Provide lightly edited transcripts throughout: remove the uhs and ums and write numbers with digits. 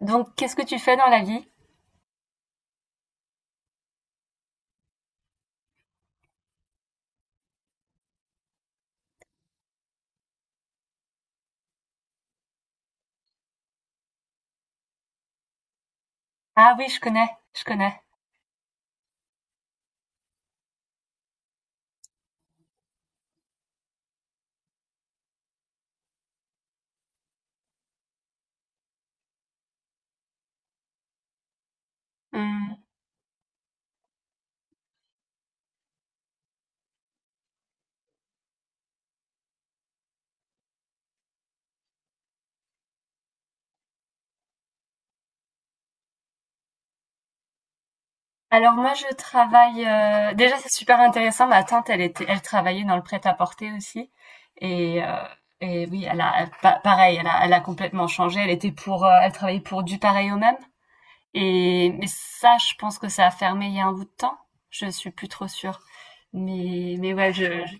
Donc, qu'est-ce que tu fais dans la vie? Ah oui, je connais, je connais. Mmh. Alors moi, je travaille. Déjà, c'est super intéressant. Ma tante, elle travaillait dans le prêt-à-porter aussi. Et, euh, et oui, elle a, elle- pa- pareil, elle a complètement changé. Elle travaillait pour du pareil au même. Et mais ça, je pense que ça a fermé il y a un bout de temps. Je suis plus trop sûre. Mais ouais,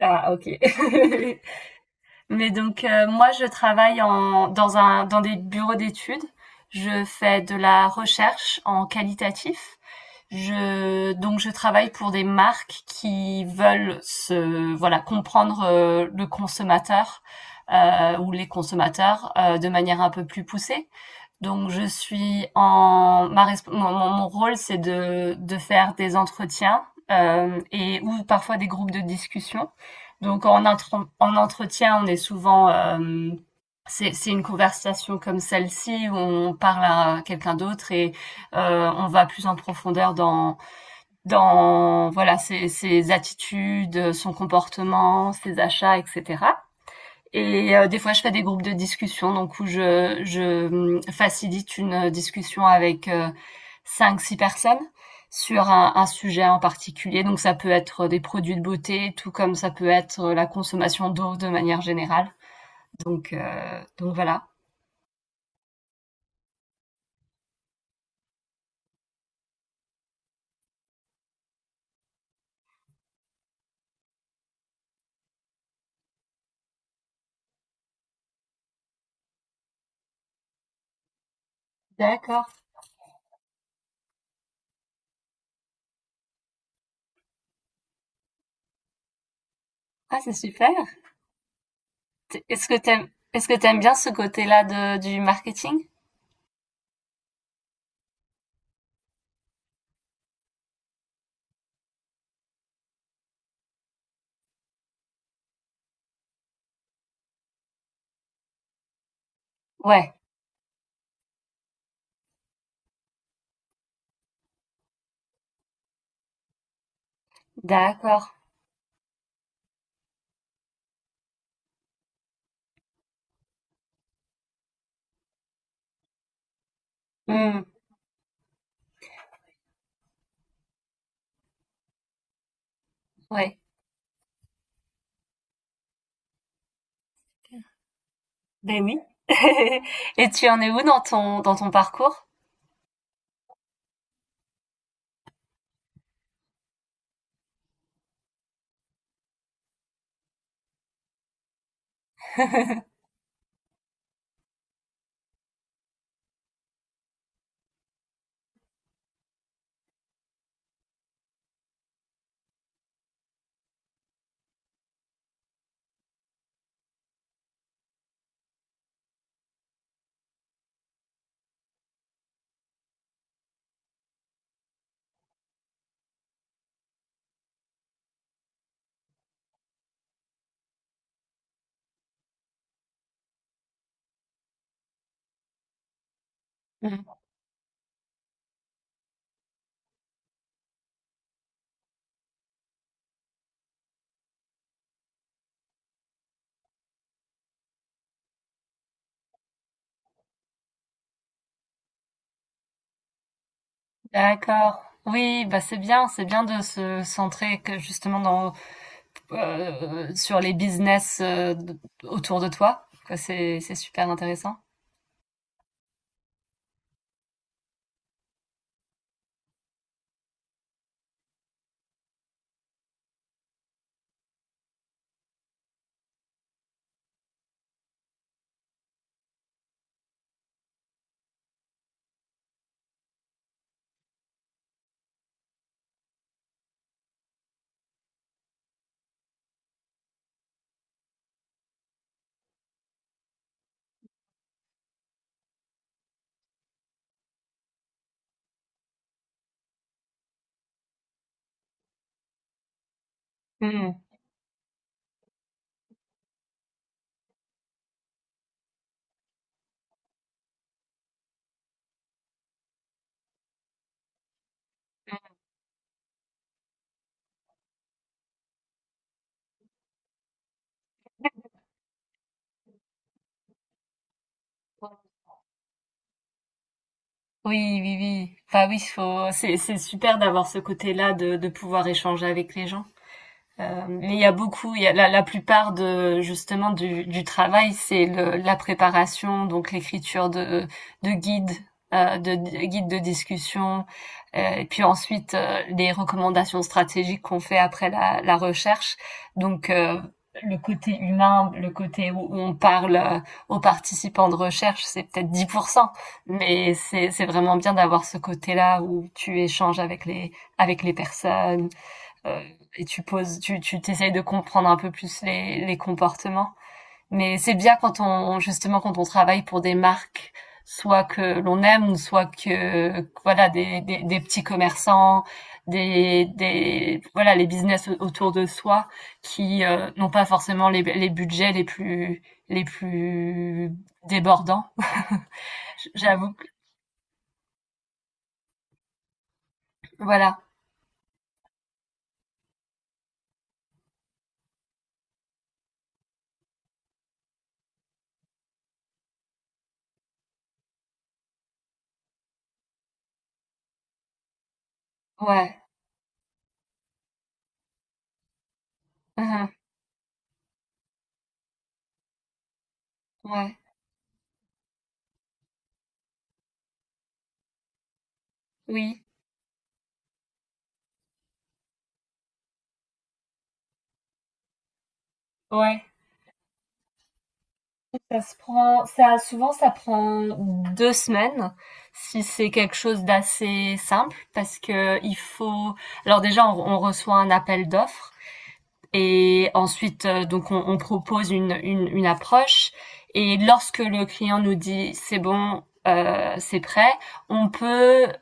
ah, ok. Mais donc moi, je travaille dans des bureaux d'études. Je fais de la recherche en qualitatif. Donc je travaille pour des marques qui veulent voilà, comprendre le consommateur ou les consommateurs de manière un peu plus poussée. Donc je suis en ma resp- mon, mon mon rôle, c'est de faire des entretiens, hem et ou parfois des groupes de discussion. Donc en entretien, on est souvent, c'est une conversation comme celle-ci où on parle à quelqu'un d'autre et heu, on va plus en profondeur dans voilà, ses attitudes, son comportement, ses achats, et cetera. Et des fois, je fais des groupes de discussion, donc où je facilite une discussion avec, 5-6 personnes sur un sujet en particulier. Donc ça peut être des produits de beauté, tout comme ça peut être la consommation d'eau de manière générale. Donc Donc voilà. D'accord. Ah, c'est super. Tu est-ce que t'aimes bien ce côté-là de du marketing? Ouais, d'accord. Mmh, ouais. Beh, oui. Et tu en es où dans ton parcours? D'accord. Oui, bah, c'est bien de se centrer que justement dans sur les business, d autour de toi, quoi, c'est super intéressant. Mmh. Oui, oui, oui. Bah, oui, faut c'est super d'avoir ce côté-là de pouvoir échanger avec les gens. Mais il y a la plupart de justement du travail, c'est la préparation, donc l'écriture de guides, de guides de discussion, et puis ensuite les recommandations stratégiques qu'on fait après la recherche. Donc le côté humain, le côté où on parle aux participants de recherche, c'est peut-être 10%, mais c'est vraiment bien d'avoir ce côté-là où tu échanges avec les personnes euh, et tu poses, tu t'essayes de comprendre un peu plus les comportements. Mais c'est bien quand on justement quand on travaille pour des marques soit que l'on aime, soit que voilà des petits commerçants, des voilà, les business autour de soi qui n'ont pas forcément les budgets les plus débordants. J'avoue que voilà. Ouais. Uh-huh. Ouais. Oui. Ouais. Ça se prend ça souvent ça prend 2 semaines, si c'est quelque chose d'assez simple parce que il faut alors déjà on reçoit un appel d'offres et ensuite, donc on propose une approche et lorsque le client nous dit: «C'est bon, c'est prêt», on peut,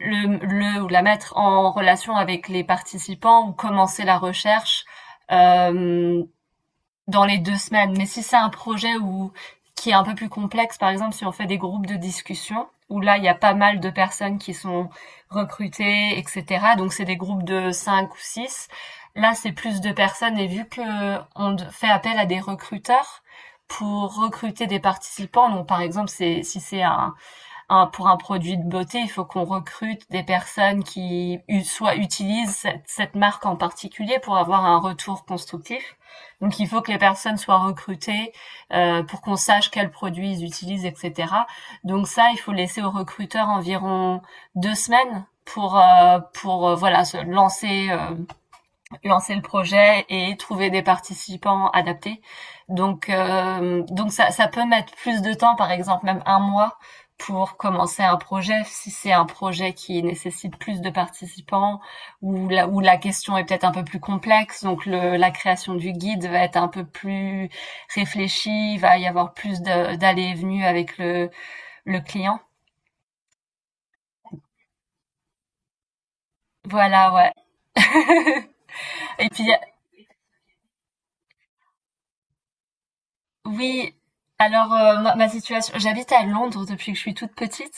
le ou la mettre en relation avec les participants ou commencer la recherche, hem dans les 2 semaines. Mais si c'est un projet où qui est un peu plus complexe, par exemple, si on fait des groupes de discussion, où là, il y a pas mal de personnes qui sont recrutées, etc. Donc, c'est des groupes de 5 ou 6. Là, c'est plus de personnes et vu que on fait appel à des recruteurs pour recruter des participants, donc par exemple, c'est, si c'est un- pour un produit de beauté, il faut qu'on recrute des personnes qui soit utilisent cette marque en particulier pour avoir un retour constructif. Donc il faut que les personnes soient recrutées pour qu'on sache quels produits ils utilisent, etc. Donc ça, il faut laisser aux recruteurs environ 2 semaines pour voilà, se lancer lancer le projet et trouver des participants adaptés. Donc ça peut mettre plus de temps, par exemple même un mois, pour commencer un projet. Si c'est un projet qui nécessite plus de participants où la question est peut-être un peu plus complexe, donc la création du guide va être un peu plus réfléchie, il va y avoir plus d'allées et venues avec le client. Voilà, ouais. Et puis oui, alors, moi, ma situation, j'habite à Londres depuis que je suis toute petite,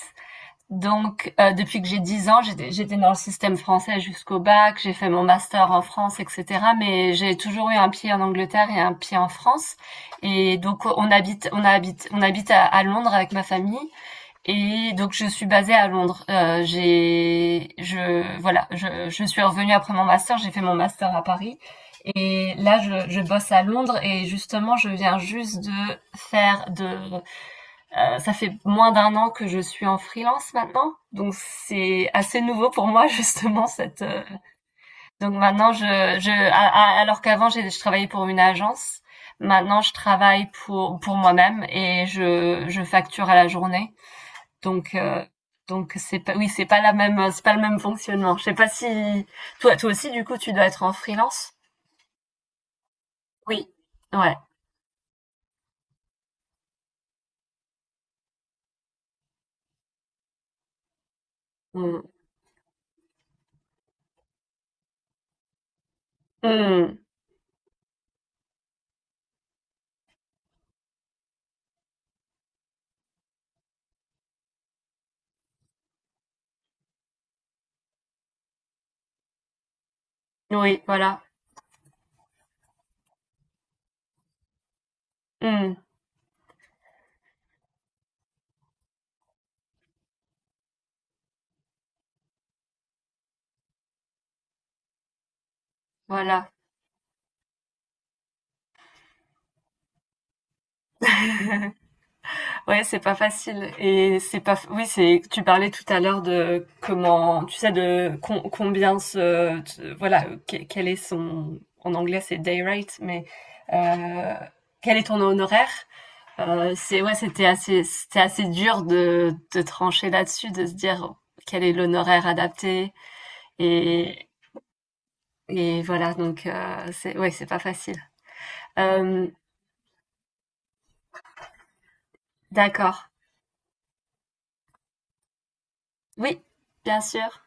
donc depuis que j'ai 10 ans. J'étais j'étais dans le système français jusqu'au bac, j'ai fait mon master en France et cetera, mais j'ai toujours eu un pied en Angleterre et un pied en France et donc on habite à Londres avec ma famille et donc je suis basée à Londres. J'ai je voilà, je suis revenue après mon master, j'ai fait mon master à Paris et là je bosse à Londres et justement je viens juste faire de, ça fait moins d'un an que je suis en freelance maintenant, donc c'est assez nouveau pour moi justement cette, donc maintenant je a a alors qu'avant j'ai je travaillais pour une agence, maintenant je travaille pour moi-même et je facture à la journée donc euh, donc c'est pas, oui, c'est pas le même fonctionnement. Je sais pas si toi aussi du coup tu dois être en freelance? Oui. Ouais. Mmh. Mmh. Oui, voilà. Mmh. Voilà. Ouais, c'est pas facile et c'est pas f- oui, c'est tu parlais tout à l'heure de comment tu sais de combien voilà, quel est son, en anglais c'est day rate, mais euh, quel est ton honoraire? C'est Ouais, c'était assez dur de trancher là-dessus, de se dire quel est l'honoraire adapté et, et voilà. Donc c'est ouais, c'est pas facile. Euh, d'accord. Oui, bien sûr.